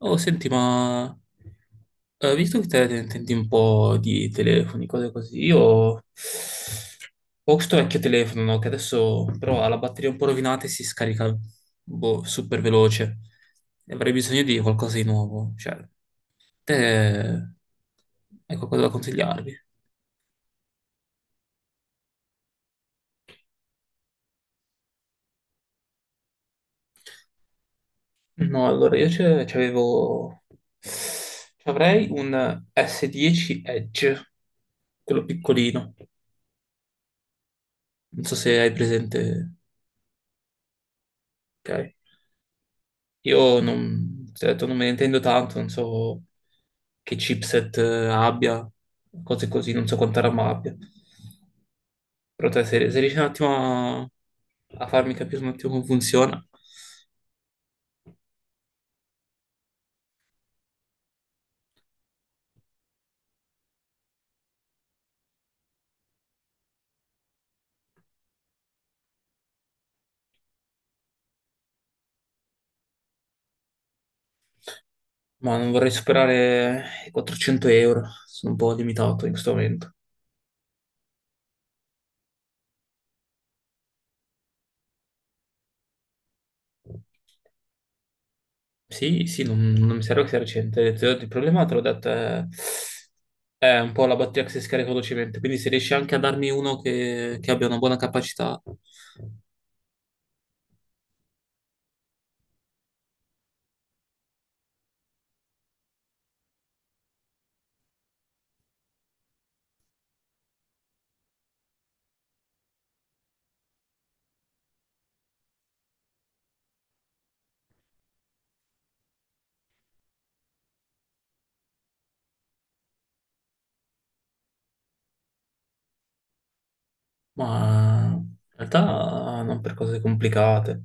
Oh, senti, ma visto che te ne intendi un po' di telefoni, cose così, io ho questo vecchio telefono, no, che adesso però ha la batteria un po' rovinata e si scarica boh, super veloce. E avrei bisogno di qualcosa di nuovo. Cioè, te hai qualcosa da consigliarmi? No, allora io c'avevo... Avrei un S10 Edge, quello piccolino. Non so se hai presente, ok? Io non, ti ho detto, non me ne intendo tanto, non so che chipset abbia, cose così, non so quanta RAM abbia. Però te, se riesci un attimo a farmi capire un attimo come funziona, ma non vorrei superare i 400 euro, sono un po' limitato in questo momento. Sì, sì, non mi serve che sia recente. Te l'ho- detto, il problema te l'ho detto è un po' la batteria che si scarica velocemente. Quindi se riesci anche a darmi uno che abbia una buona capacità. Ma in realtà non per cose complicate.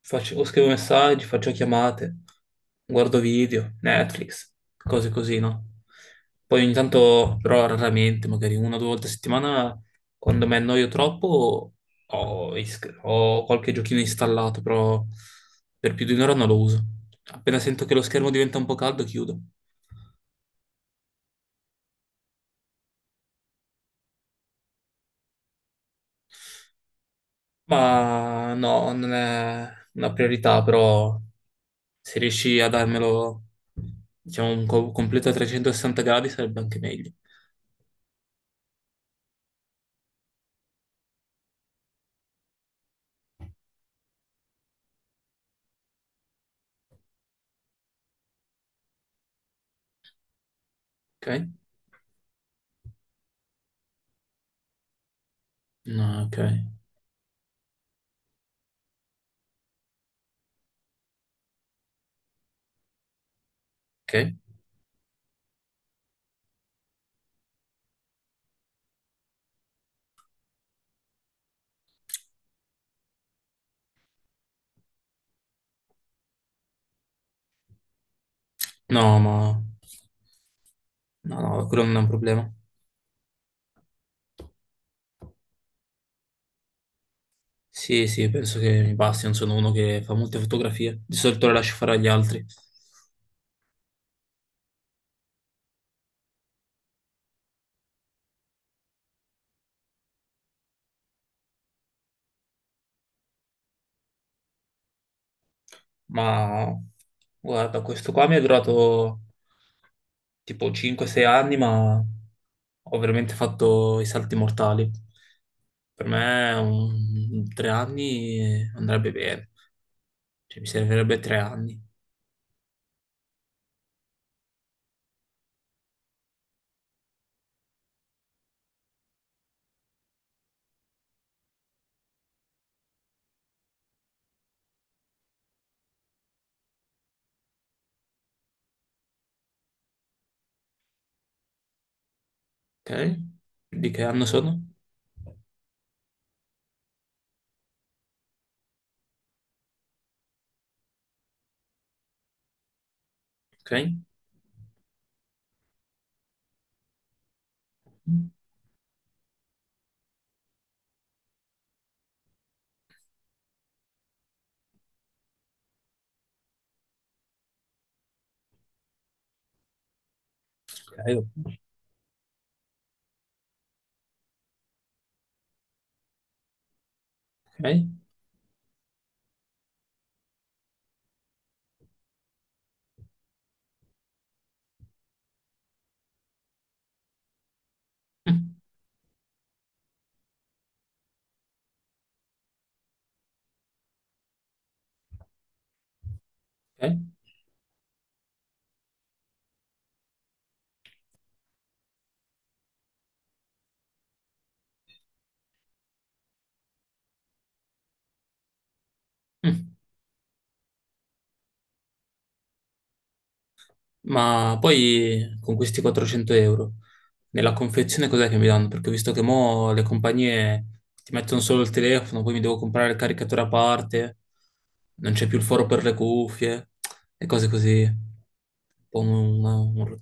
Scrivo messaggi, faccio chiamate, guardo video, Netflix, cose così, no? Poi ogni tanto, però raramente, magari una o due volte a settimana, quando mi annoio troppo, ho qualche giochino installato, però per più di un'ora non lo uso. Appena sento che lo schermo diventa un po' caldo, chiudo. Ma no, non è una priorità, però se riesci a darmelo, diciamo, un completo a 360 gradi sarebbe anche meglio. Ok? No, ok. Ok? No, ma... No, no, quello non è un problema. Sì, sì, penso che mi basti, non sono uno che fa molte fotografie. Di solito le lascio fare agli altri. Ma guarda, questo qua mi è durato tipo 5-6 anni, ma ho veramente fatto i salti mortali. Per me un... 3 anni andrebbe bene. Cioè, mi servirebbe 3 anni. Ok? Di che anno sono? Ok? Ok, ok. Mm. Ok? Mm. Ma poi con questi 400 euro nella confezione cos'è che mi danno? Perché ho visto che mo le compagnie ti mettono solo il telefono, poi mi devo comprare il caricatore a parte, non c'è più il foro per le cuffie e cose così. Un po'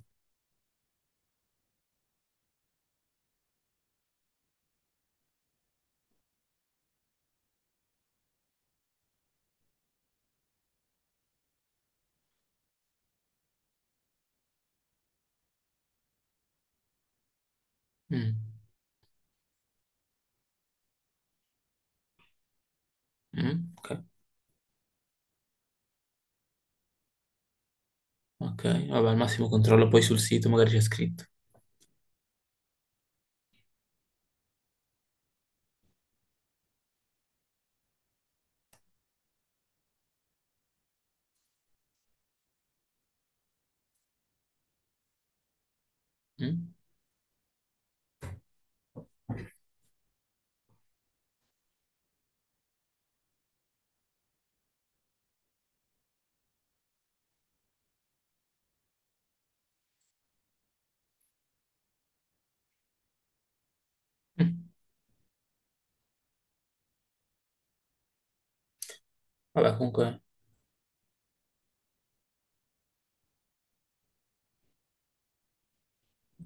mm. Mm, ok, ok, vabbè, al massimo controllo poi sul sito, magari c'è scritto. Mm? Mm. Vabbè, comunque,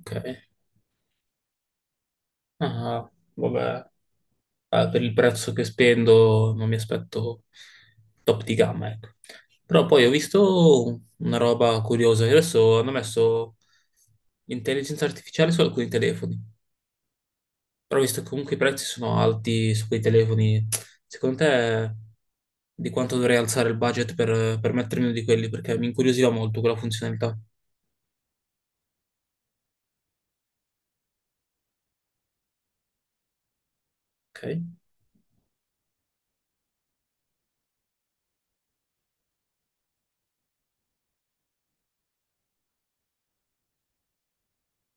ok. Ah, vabbè. Per il prezzo che spendo non mi aspetto top di gamma, ecco. Però poi ho visto una roba curiosa, che adesso hanno messo l'intelligenza artificiale su alcuni telefoni, però visto che comunque i prezzi sono alti su quei telefoni, secondo te di quanto dovrei alzare il budget per mettermi uno di quelli? Perché mi incuriosiva molto quella funzionalità. Ok?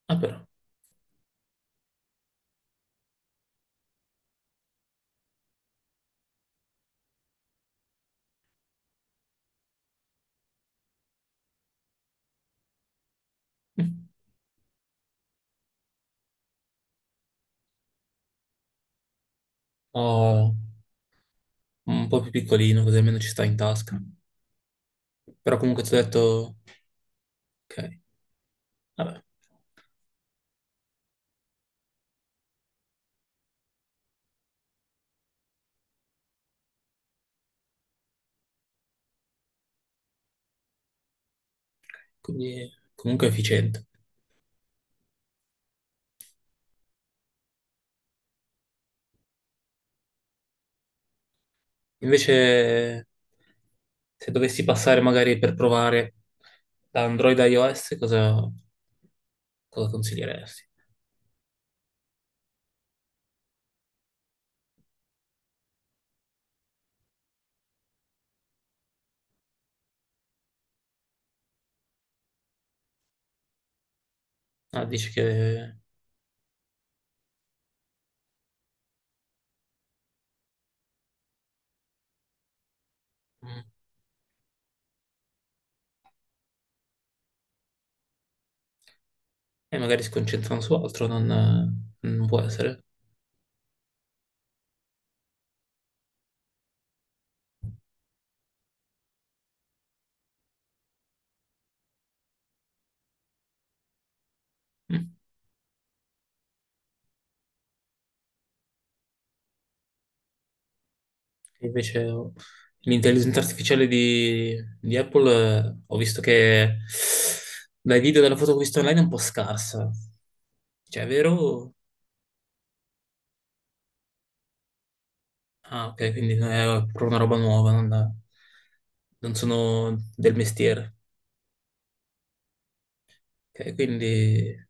Ah, però. Mm. Ho un po' più piccolino, così almeno ci sta in tasca. Però comunque ti ho detto, ok. Vabbè, quindi comunque è efficiente. Invece, se dovessi passare magari per provare da Android a iOS, cosa consiglieresti? Ah, dici che mm, magari si concentrano su altro, non può essere. Mm. Invece oh, l'intelligenza artificiale di Apple, ho visto che dai video e dalla foto che ho visto online è un po' scarsa. Cioè, è vero? Ah, ok, quindi non è proprio una roba nuova, non sono del mestiere. Ok, quindi...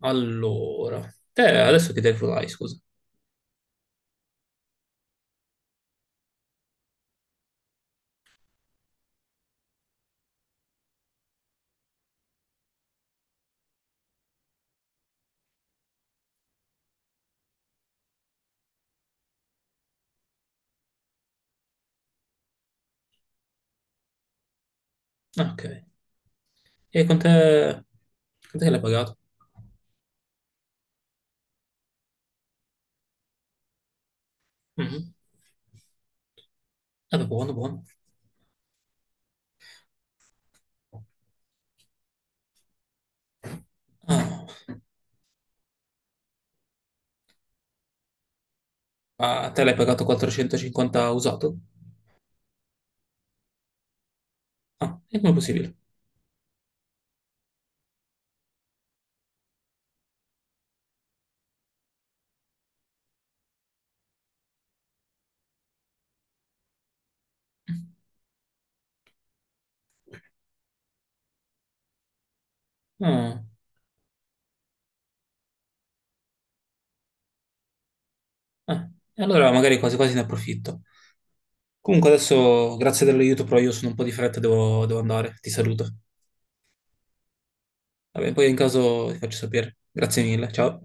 Allora... Te adesso che telefono hai, scusa? Ah, ok. E con te... Quant'è che l'hai pagato? Mhm. Beh, buono, buono. Ah, ma te l'hai pagato 450 usato? Ah, e come è possibile? Ah, e allora magari quasi quasi ne approfitto. Comunque adesso, grazie dell'aiuto, però io sono un po' di fretta, devo andare. Ti saluto. Va bene, poi in caso ti faccio sapere. Grazie mille, ciao.